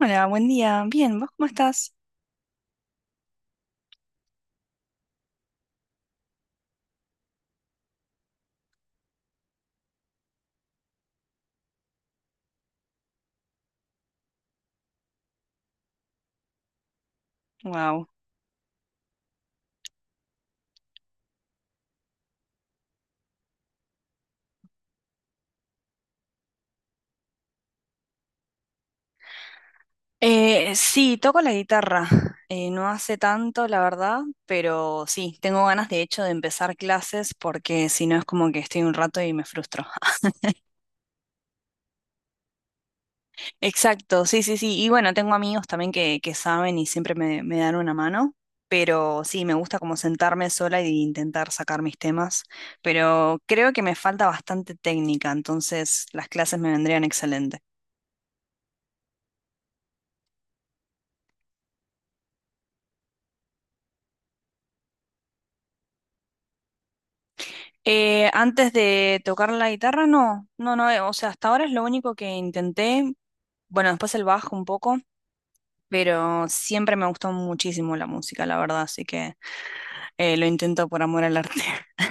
Hola, buen día. Bien, ¿vos cómo estás? Wow. Sí, toco la guitarra. No hace tanto, la verdad, pero sí, tengo ganas de hecho de empezar clases porque si no es como que estoy un rato y me frustro. Exacto, sí, sí, sí. Y bueno, tengo amigos también que saben y siempre me dan una mano, pero sí, me gusta como sentarme sola e intentar sacar mis temas, pero creo que me falta bastante técnica, entonces las clases me vendrían excelente. Antes de tocar la guitarra, no, no, no, o sea, hasta ahora es lo único que intenté, bueno, después el bajo un poco, pero siempre me gustó muchísimo la música, la verdad, así que lo intento por amor al arte.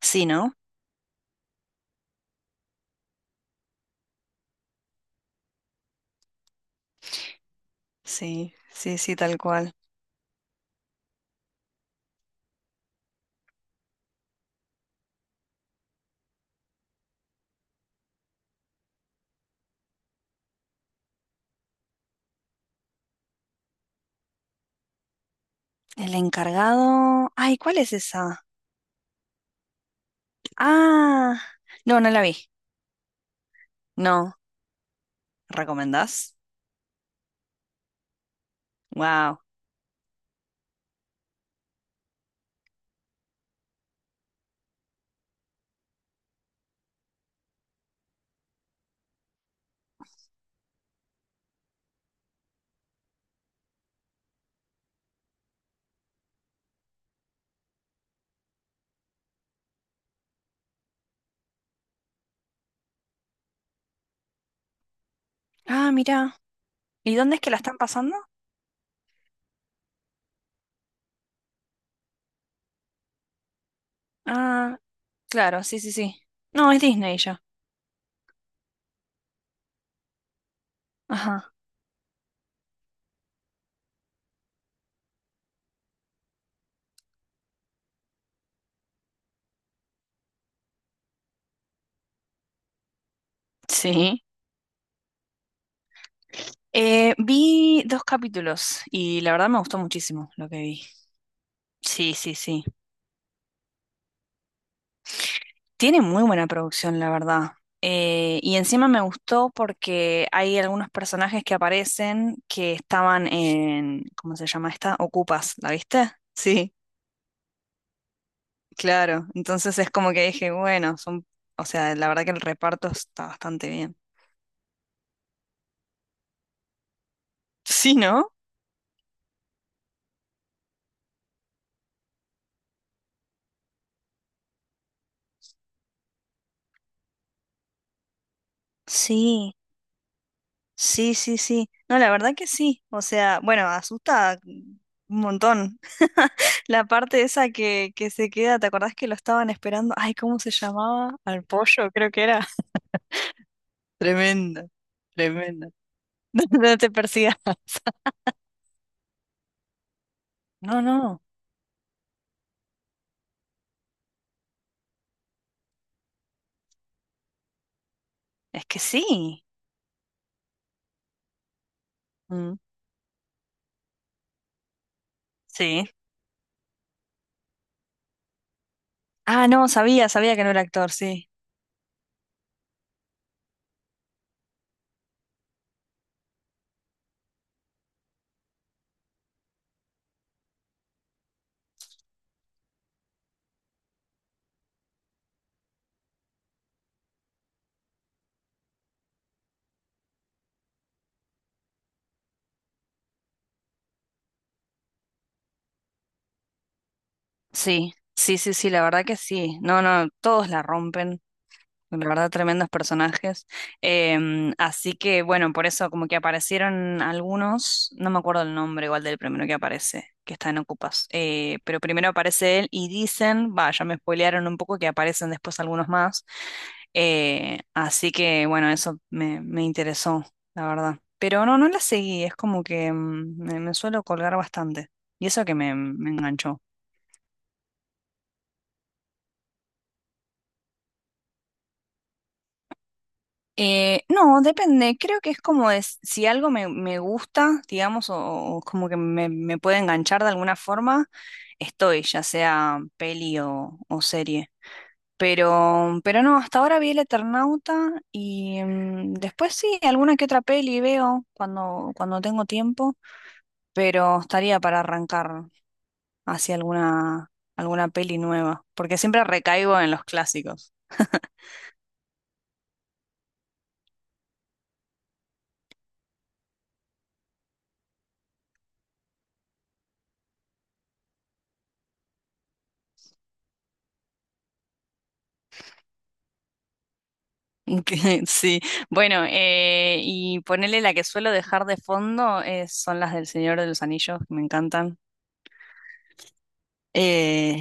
Sí, ¿no? Sí, sí, sí, tal cual. El encargado... Ay, ¿cuál es esa? Ah, no, no la vi. No, ¿recomendás? Wow. Ah, mira. ¿Y dónde es que la están pasando? Ah, claro, sí, sí, sí. No, es Disney ya. Ajá. Sí. Vi dos capítulos y la verdad me gustó muchísimo lo que vi. Sí, sí, sí. Tiene muy buena producción, la verdad. Y encima me gustó porque hay algunos personajes que aparecen que estaban en, ¿cómo se llama esta? Ocupas, ¿la viste? Sí, claro. Entonces es como que dije, bueno, son, o sea, la verdad que el reparto está bastante bien. Sí, ¿no? Sí, sí, sí, sí. No, la verdad que sí. O sea, bueno, asusta un montón. La parte esa que se queda, ¿te acordás que lo estaban esperando? Ay, ¿cómo se llamaba? Al pollo, creo que era. Tremendo, tremendo. No, no te persigas. No, no, es que sí. Mm. Sí. Ah, no, sabía, sabía que no era actor, sí. Sí, sí, sí, sí, la verdad que sí. No, no, todos la rompen. La verdad, tremendos personajes. Así que, bueno, por eso como que aparecieron algunos, no me acuerdo el nombre igual del primero que aparece, que está en Ocupas. Pero primero aparece él y dicen, va, ya me spoilearon un poco que aparecen después algunos más. Así que, bueno, eso me interesó, la verdad. Pero no, no la seguí, es como que me suelo colgar bastante. Y eso que me enganchó. No, depende. Creo que es como es, si algo me gusta, digamos, o como que me puede enganchar de alguna forma, estoy, ya sea peli o serie. Pero no, hasta ahora vi El Eternauta y después sí, alguna que otra peli veo cuando tengo tiempo, pero estaría para arrancar hacia alguna, alguna peli nueva, porque siempre recaigo en los clásicos. Que sí, bueno, y ponerle la que suelo dejar de fondo es- son las del Señor de los Anillos, que me encantan. Eh,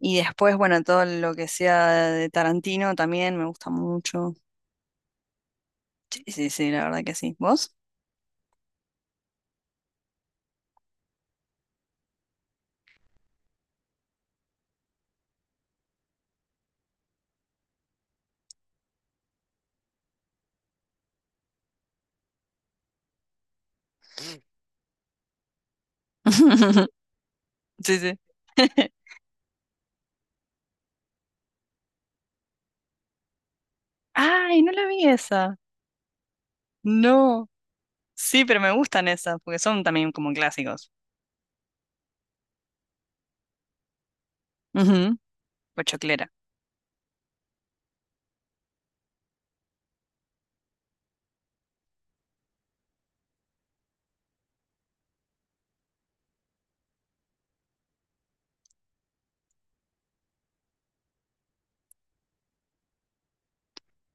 y después, bueno, todo lo que sea de Tarantino también me gusta mucho. Sí, sí, sí, la verdad que sí. ¿Vos? Sí, sí. Ay, no la vi esa. No. Sí, pero me gustan esas, porque son también como clásicos. Ujú. Pochoclera.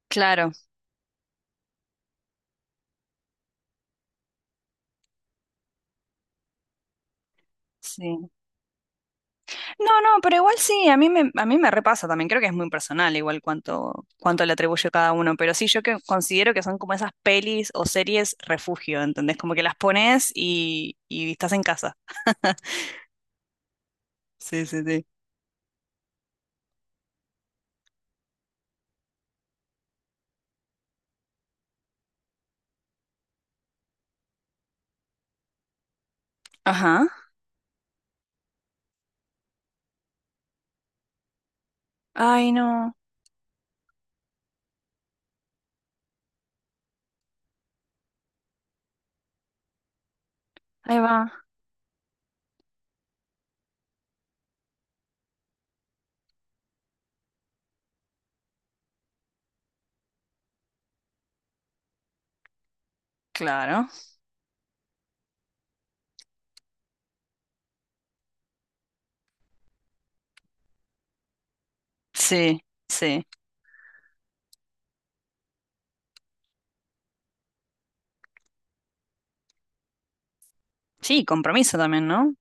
Claro, sí. No, no, pero igual sí, a mí me repasa también, creo que es muy personal igual cuánto, cuánto le atribuye cada uno, pero sí, yo que considero que son como esas pelis o series refugio, ¿entendés? Como que las pones y estás en casa. Sí, sí, sí. Ajá. Ay, no, ahí va. Claro. Sí, sí. Sí, compromiso también, ¿no?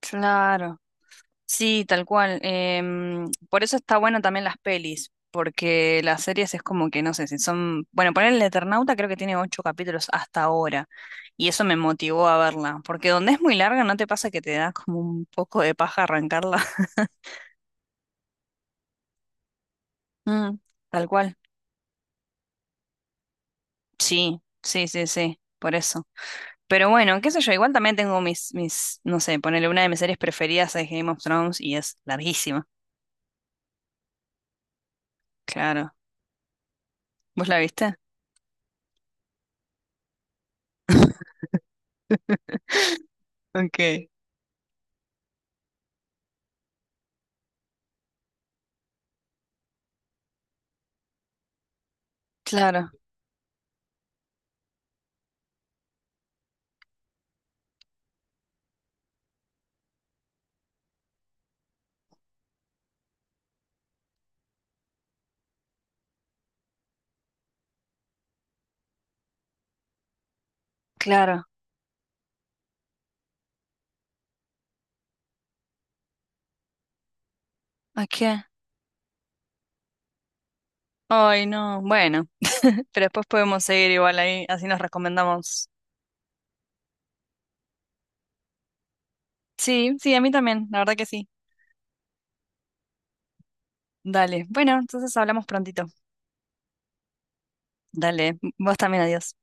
Claro. Sí, tal cual. Em, por eso está bueno también las pelis, porque las series es como que, no sé, si son... Bueno, poner el Eternauta creo que tiene ocho capítulos hasta ahora, y eso me motivó a verla, porque donde es muy larga, ¿no te pasa que te da como un poco de paja arrancarla? Mm, tal cual. Sí, sí, sí, sí, por eso. Pero bueno, qué sé yo, igual también tengo mis, mis, no sé, ponerle una de mis series preferidas es Game of Thrones y es larguísima, claro. ¿Vos la viste? Ok. Claro, claro. Ok. Ay, no, bueno, pero después podemos seguir igual ahí, así nos recomendamos. Sí, sí, a mí también, la verdad que sí. Dale, bueno, entonces hablamos prontito. Dale, vos también, adiós.